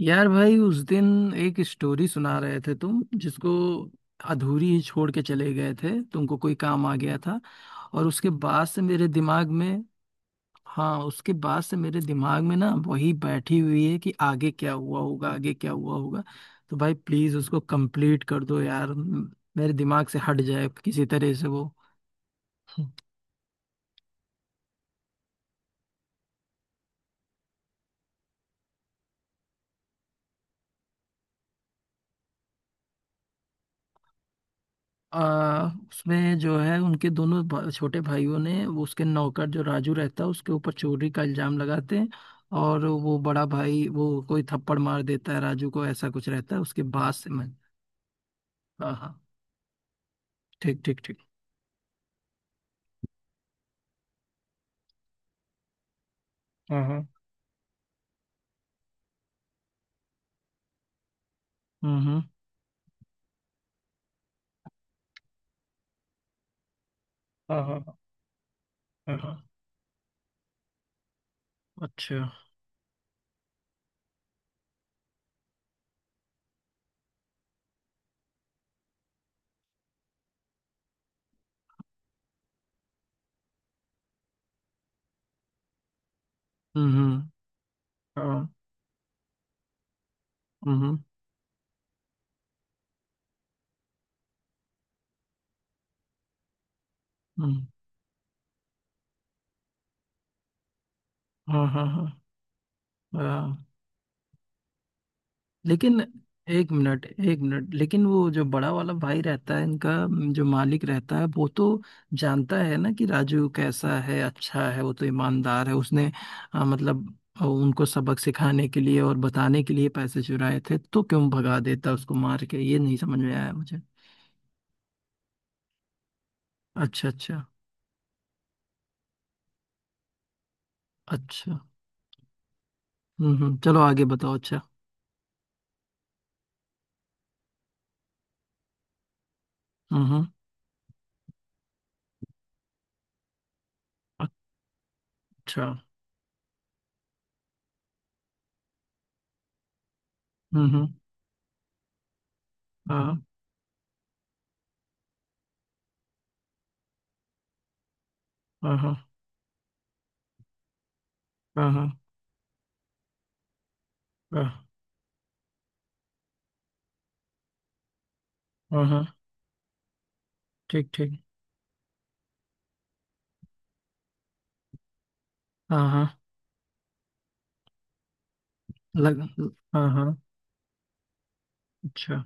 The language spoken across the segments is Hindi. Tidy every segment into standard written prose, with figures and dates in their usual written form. यार भाई उस दिन एक स्टोरी सुना रहे थे तुम, जिसको अधूरी ही छोड़ के चले गए थे। तुमको कोई काम आ गया था, और उसके बाद से मेरे दिमाग में। हाँ, उसके बाद से मेरे दिमाग में ना वही बैठी हुई है कि आगे क्या हुआ होगा, आगे क्या हुआ होगा। तो भाई प्लीज उसको कंप्लीट कर दो यार। मेरे दिमाग से हट जाए किसी तरह से वो। उसमें जो है, उनके दोनों छोटे भाइयों ने वो उसके नौकर जो राजू रहता है उसके ऊपर चोरी का इल्जाम लगाते हैं। और वो बड़ा भाई वो कोई थप्पड़ मार देता है राजू को, ऐसा कुछ रहता है। उसके बाद से मैं। हाँ हाँ। ठीक ठीक ठीक। हाँ हाँ। हम्म। हाँ हाँ हाँ हाँ। अच्छा। हम्म। हाँ, हम्म। हम्म, हाँ हाँ हाँ हाँ। लेकिन एक मिनट एक मिनट, लेकिन वो जो बड़ा वाला भाई रहता है इनका, जो मालिक रहता है, वो तो जानता है ना कि राजू कैसा है, अच्छा है वो तो, ईमानदार है। उसने मतलब उनको सबक सिखाने के लिए और बताने के लिए पैसे चुराए थे, तो क्यों भगा देता उसको मार के, ये नहीं समझ में आया मुझे। अच्छा अच्छा अच्छा। हम्म, चलो आगे बताओ। अच्छा। हम्म। अच्छा। हम्म। हाँ हाँ हाँ हाँ हाँ हाँ हाँ, ठीक ठीक। हाँ हाँ। लग हाँ हाँ। अच्छा।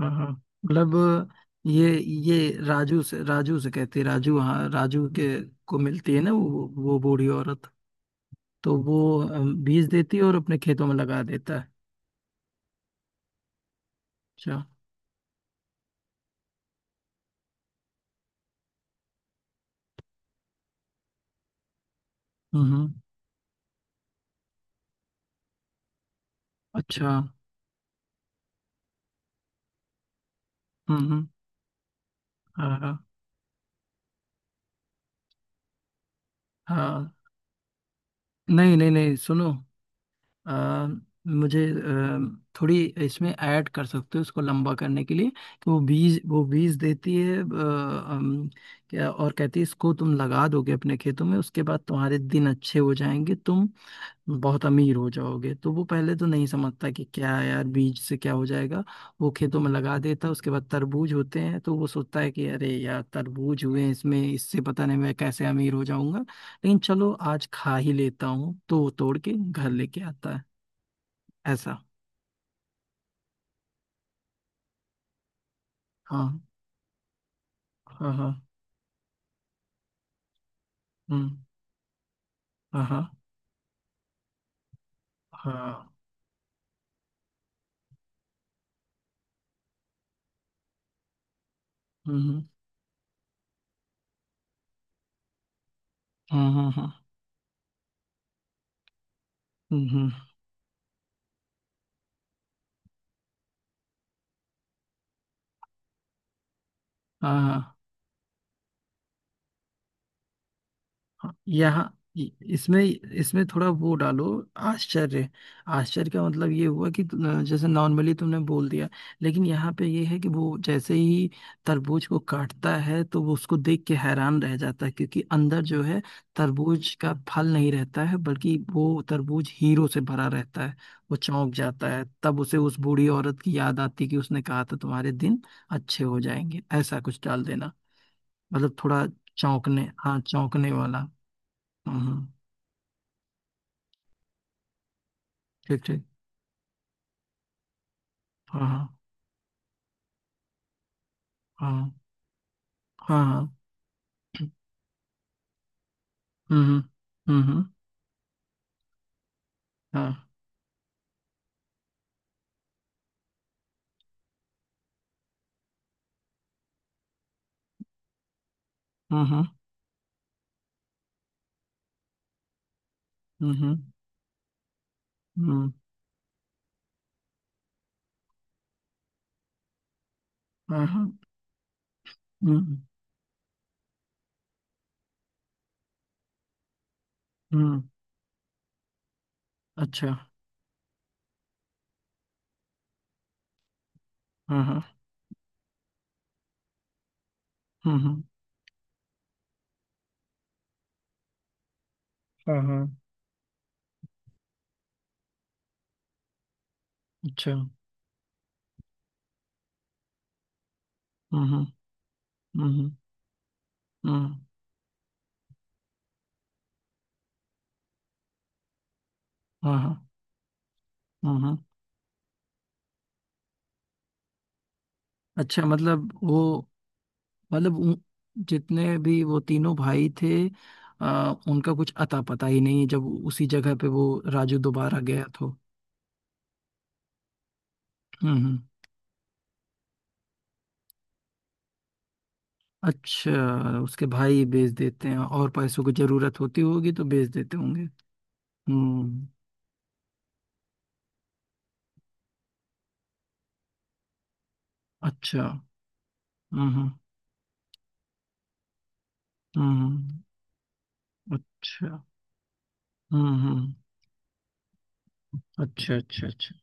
हाँ हाँ। मतलब ये ये राजू से कहती है, राजू, हाँ राजू के को मिलती है ना वो बूढ़ी औरत। तो वो बीज देती है और अपने खेतों में लगा देता है। अच्छा। हम्म हम्म, अच्छा। हम्म। हाँ हाँ हाँ। नहीं नहीं नहीं सुनो। अ, मुझे थोड़ी इसमें ऐड कर सकते हो उसको लंबा करने के लिए, कि वो बीज देती है क्या, और कहती है इसको तुम लगा दोगे अपने खेतों में, उसके बाद तुम्हारे दिन अच्छे हो जाएंगे, तुम बहुत अमीर हो जाओगे। तो वो पहले तो नहीं समझता कि क्या यार बीज से क्या हो जाएगा। वो खेतों में लगा देता है, उसके बाद तरबूज होते हैं। तो वो सोचता है कि अरे यार तरबूज हुए हैं इसमें, इससे पता नहीं मैं कैसे अमीर हो जाऊंगा, लेकिन चलो आज खा ही लेता हूँ। तो वो तोड़ के घर लेके आता है, ऐसा। हाँ हाँ हाँ। हम्म। हाँ हाँ हाँ। हम्म हम्म। हम्म। हाँ हाँ। हाँ, यहाँ इसमें इसमें थोड़ा वो डालो, आश्चर्य। आश्चर्य का मतलब ये हुआ कि जैसे नॉर्मली तुमने बोल दिया, लेकिन यहाँ पे ये है कि वो जैसे ही तरबूज को काटता है, तो वो उसको देख के हैरान रह जाता है, क्योंकि अंदर जो है तरबूज का फल नहीं रहता है, बल्कि वो तरबूज हीरो से भरा रहता है। वो चौंक जाता है, तब उसे उस बूढ़ी औरत की याद आती कि उसने कहा था तुम्हारे दिन अच्छे हो जाएंगे, ऐसा कुछ डाल देना। मतलब थोड़ा चौंकने, हाँ चौंकने वाला। हाँ हाँ। ठीक ठीक। हाँ हाँ हाँ हाँ हाँ। हम्म। हम्म, हम्म, हाँ। हम्म। हम्म हम्म, हम्म, हाँ हाँ। हम्म। हम्म, अच्छा। हाँ हाँ। हम्म हम्म, हाँ हाँ। अच्छा। हम्म। हम्म हम्म, हाँ हाँ। हम्म हम्म। अच्छा मतलब वो, मतलब जितने भी वो तीनों भाई थे, उनका कुछ अता पता ही नहीं, जब उसी जगह पे वो राजू दोबारा गया तो। हम्म हम्म। अच्छा, उसके भाई बेच देते हैं और पैसों की जरूरत होती होगी तो बेच देते होंगे। हम्म। अच्छा। हम्म। हम्म, अच्छा। हम्म। अच्छा अच्छा अच्छा।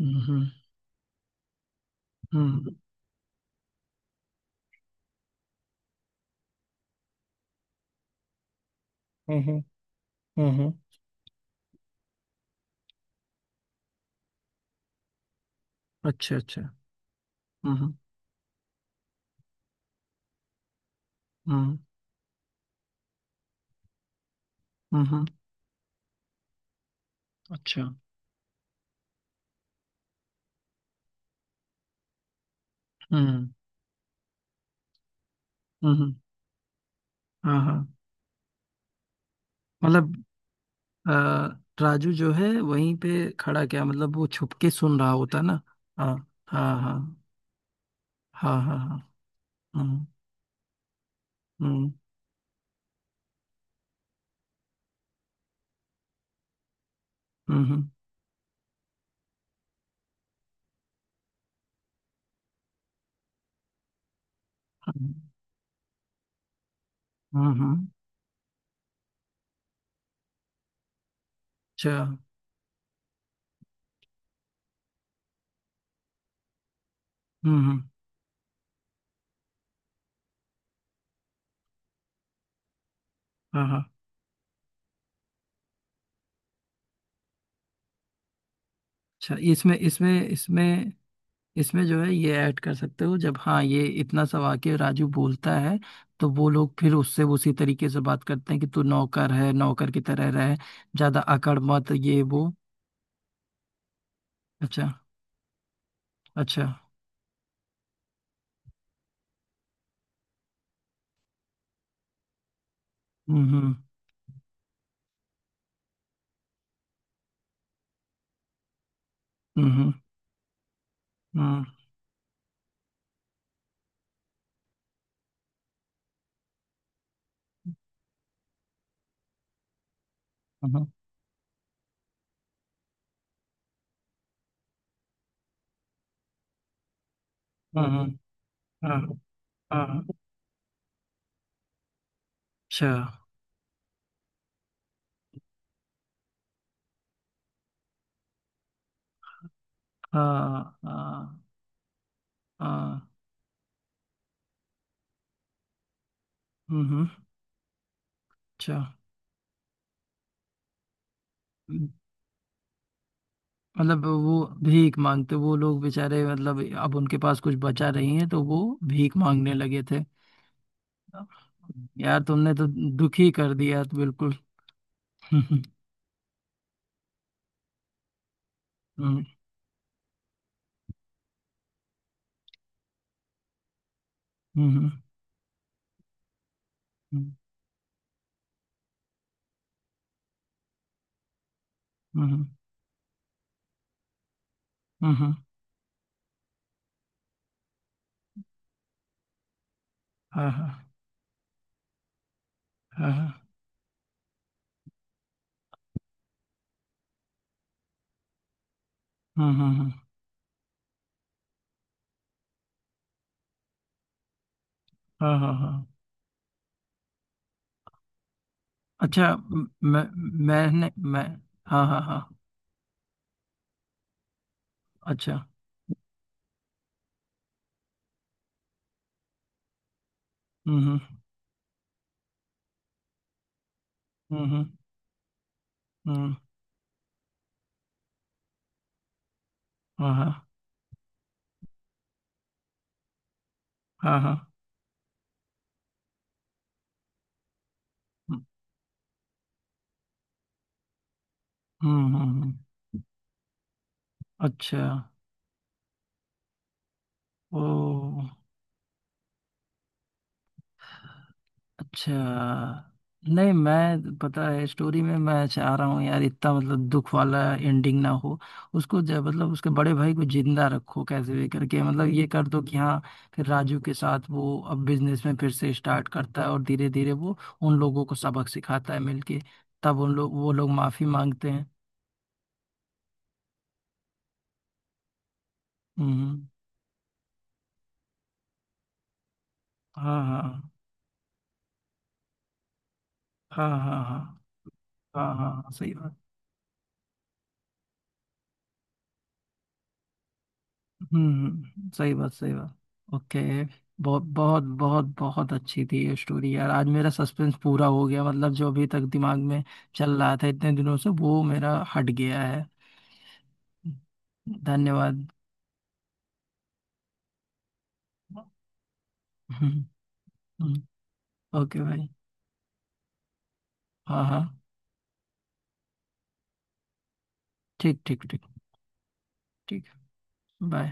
हम्म। हम्म हम्म। हम्म, हम्म, अच्छा अच्छा। हम्म। हम्म हम्म, हम्म, अच्छा। हम्म हम्म। हाँ हाँ। मतलब अ, राजू जो है वहीं पे खड़ा, क्या मतलब वो छुप के सुन रहा होता ना। हाँ हाँ हाँ हाँ हाँ हाँ। हम्म हम्म। हम्म हम्म, हम्म हम्म, अच्छा। हम्म, हाँ हाँ। अच्छा, इसमें इसमें इसमें इसमें जो है ये ऐड कर सकते हो, जब हाँ ये इतना सा वाक्य राजू बोलता है, तो वो लोग फिर उससे उसी तरीके से बात करते हैं कि तू नौकर है नौकर की तरह रहे, ज्यादा अकड़ मत, ये वो। अच्छा अच्छा। हम्म हम्म हम्म हम्म हम्म। हम्म, हम्म, हम्म, हाँ। हाँ हाँ, अच्छा। हाँ हाँ हाँ, हम्म हम्म, अच्छा। हम्म, मतलब वो भीख मांगते, वो लोग बेचारे, मतलब अब उनके पास कुछ बचा नहीं है तो वो भीख मांगने लगे थे। यार तुमने तो दुखी कर दिया तो बिल्कुल। हम्म। हम्म हम्म हम्म हम्म। हाँ हाँ हाँ हाँ हाँ। हम्म, हम्म, हम्म, हाँ हाँ हाँ। अच्छा म- मैं मैंने मैं हाँ हाँ हाँ। अच्छा। हम्म। हम्म हम्म, हम्म, हाँ हाँ हाँ हाँ। हम्म हम्म। अच्छा। ओ। अच्छा, नहीं मैं पता है स्टोरी में मैं चाह रहा हूँ यार, इतना मतलब दुख वाला एंडिंग ना हो। उसको मतलब उसके बड़े भाई को जिंदा रखो कैसे भी करके, मतलब ये कर दो कि हाँ फिर राजू के साथ वो अब बिजनेस में फिर से स्टार्ट करता है, और धीरे धीरे वो उन लोगों को सबक सिखाता है मिलके, तब उन लोग वो लोग माफी मांगते हैं। हम्म। हाँ हाँ हाँ हाँ हाँ हाँ। हाँ हाँ, सही बात। हम्म, सही बात सही बात। ओके। बहुत बहुत बहुत बहुत अच्छी थी ये स्टोरी यार, आज मेरा सस्पेंस पूरा हो गया, मतलब जो अभी तक दिमाग में चल रहा था इतने दिनों से वो मेरा हट गया है। धन्यवाद। हम्म। हम्म, ओके भाई। हाँ हाँ। ठीक ठीक ठीक। ठीक। बाय।